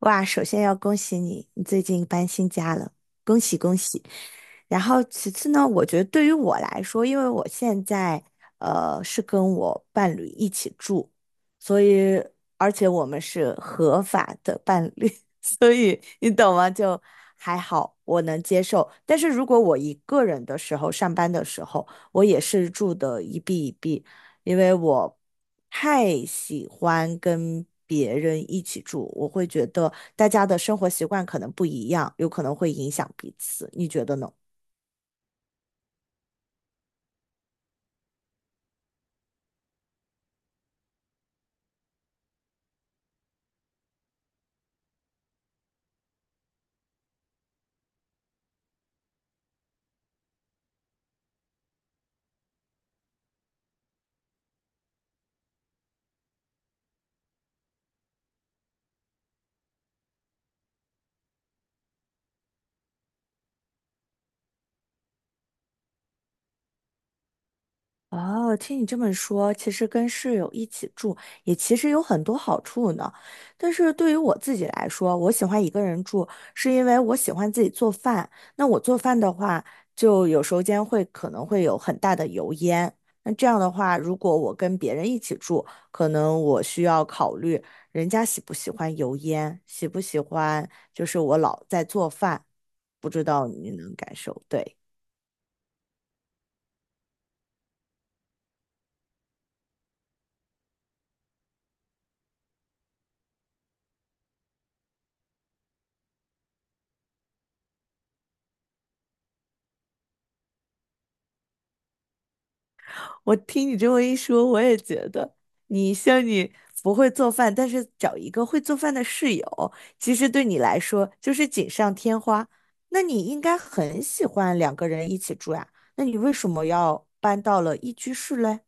哇，首先要恭喜你，你最近搬新家了，恭喜恭喜。然后其次呢，我觉得对于我来说，因为我现在是跟我伴侣一起住，所以而且我们是合法的伴侣，所以你懂吗？就还好，我能接受。但是如果我一个人的时候，上班的时候，我也是住的一壁一壁，因为我太喜欢跟别人一起住，我会觉得大家的生活习惯可能不一样，有可能会影响彼此。你觉得呢？哦，听你这么说，其实跟室友一起住也其实有很多好处呢。但是对于我自己来说，我喜欢一个人住，是因为我喜欢自己做饭。那我做饭的话，就有时候间会可能会有很大的油烟。那这样的话，如果我跟别人一起住，可能我需要考虑人家喜不喜欢油烟，喜不喜欢就是我老在做饭，不知道你能感受，对。我听你这么一说，我也觉得你像你不会做饭，但是找一个会做饭的室友，其实对你来说就是锦上添花。那你应该很喜欢两个人一起住呀，那你为什么要搬到了一居室嘞？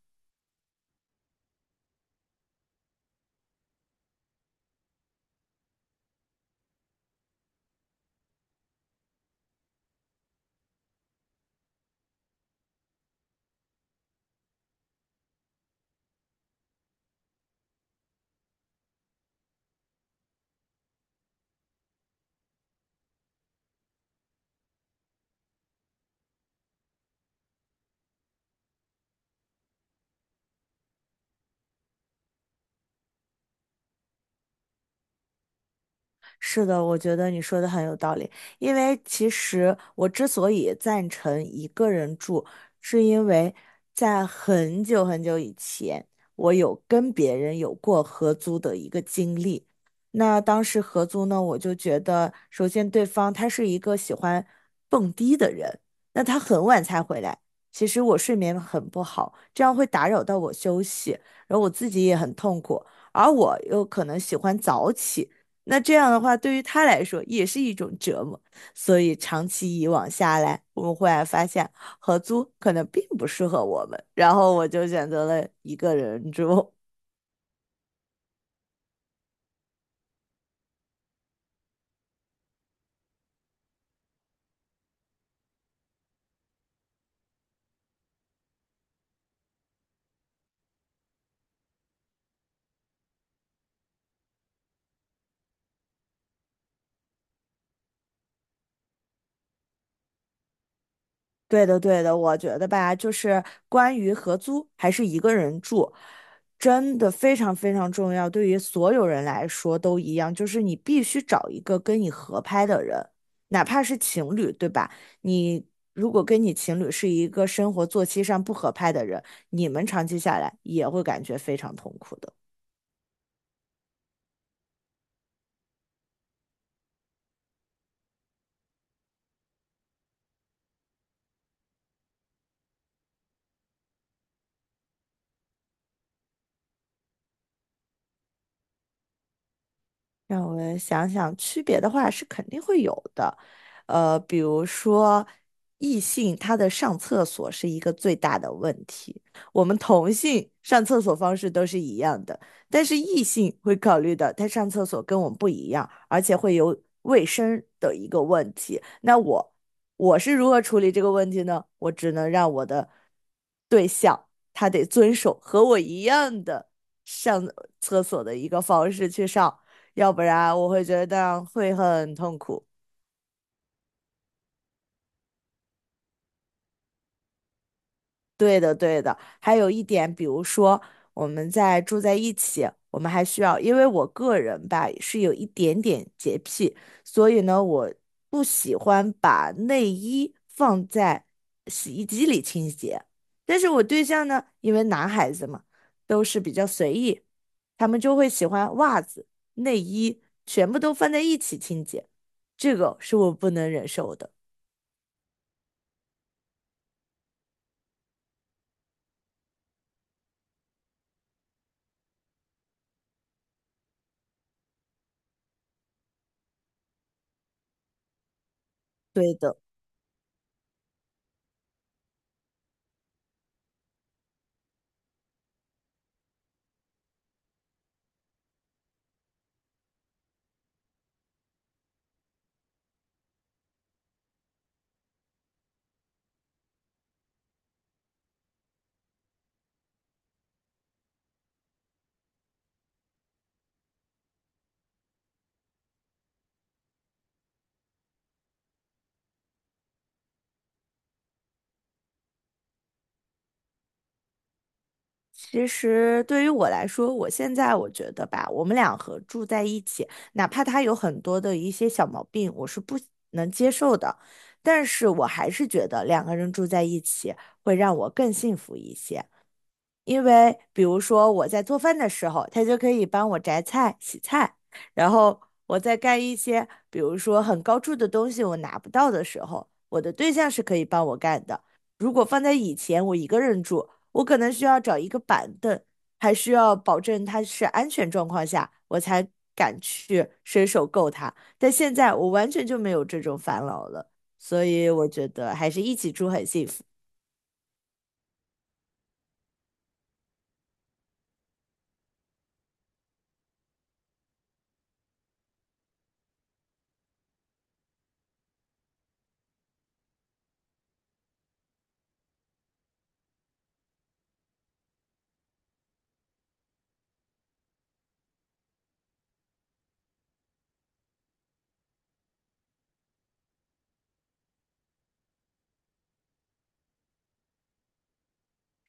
是的，我觉得你说的很有道理。因为其实我之所以赞成一个人住，是因为在很久很久以前，我有跟别人有过合租的一个经历。那当时合租呢，我就觉得，首先对方他是一个喜欢蹦迪的人，那他很晚才回来，其实我睡眠很不好，这样会打扰到我休息，然后我自己也很痛苦。而我又可能喜欢早起。那这样的话，对于他来说也是一种折磨。所以长期以往下来，我们忽然发现合租可能并不适合我们，然后我就选择了一个人住。对的，对的，我觉得吧，就是关于合租还是一个人住，真的非常非常重要，对于所有人来说都一样，就是你必须找一个跟你合拍的人，哪怕是情侣，对吧？你如果跟你情侣是一个生活作息上不合拍的人，你们长期下来也会感觉非常痛苦的。让我们想想，区别的话是肯定会有的，比如说异性他的上厕所是一个最大的问题，我们同性上厕所方式都是一样的，但是异性会考虑的，他上厕所跟我们不一样，而且会有卫生的一个问题。那我是如何处理这个问题呢？我只能让我的对象他得遵守和我一样的上厕所的一个方式去上。要不然我会觉得会很痛苦。对的，对的。还有一点，比如说我们在住在一起，我们还需要，因为我个人吧是有一点点洁癖，所以呢，我不喜欢把内衣放在洗衣机里清洁。但是我对象呢，因为男孩子嘛，都是比较随意，他们就会喜欢袜子、内衣全部都放在一起清洁，这个是我不能忍受的。对的。其实对于我来说，我现在我觉得吧，我们俩合住在一起，哪怕他有很多的一些小毛病，我是不能接受的，但是我还是觉得两个人住在一起会让我更幸福一些。因为比如说我在做饭的时候，他就可以帮我择菜、洗菜，然后我在干一些比如说很高处的东西我拿不到的时候，我的对象是可以帮我干的。如果放在以前，我一个人住，我可能需要找一个板凳，还需要保证它是安全状况下，我才敢去伸手够它。但现在我完全就没有这种烦恼了，所以我觉得还是一起住很幸福。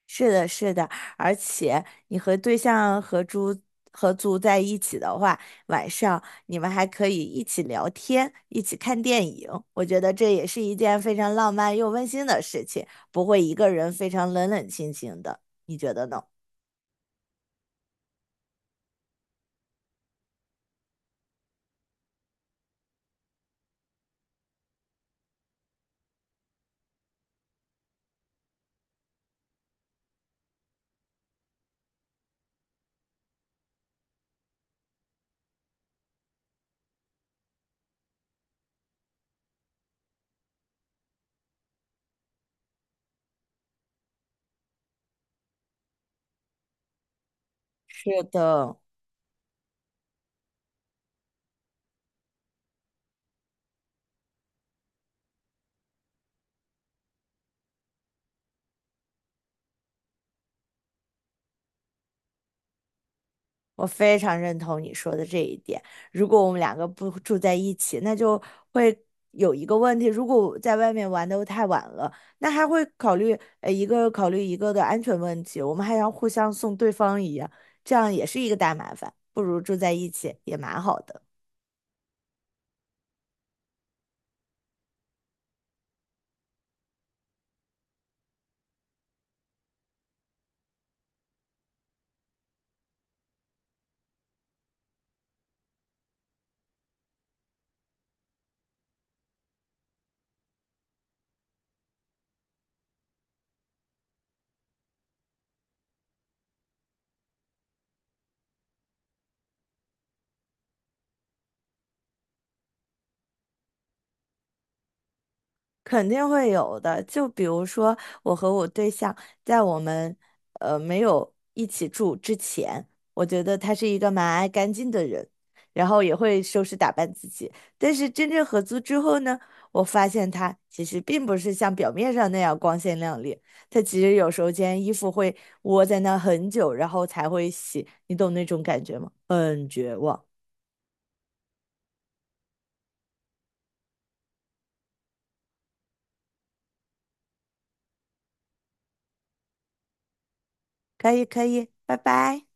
是的，是的，而且你和对象合租在一起的话，晚上你们还可以一起聊天，一起看电影。我觉得这也是一件非常浪漫又温馨的事情，不会一个人非常冷冷清清的。你觉得呢？是的，我非常认同你说的这一点。如果我们两个不住在一起，那就会有一个问题：如果在外面玩的太晚了，那还会考虑一个的安全问题，我们还要互相送对方一样，这样也是一个大麻烦。不如住在一起也蛮好的。肯定会有的。就比如说，我和我对象在我们没有一起住之前，我觉得他是一个蛮爱干净的人，然后也会收拾打扮自己。但是真正合租之后呢，我发现他其实并不是像表面上那样光鲜亮丽，他其实有时候间衣服会窝在那很久，然后才会洗。你懂那种感觉吗？很绝望。可以，可以，拜拜。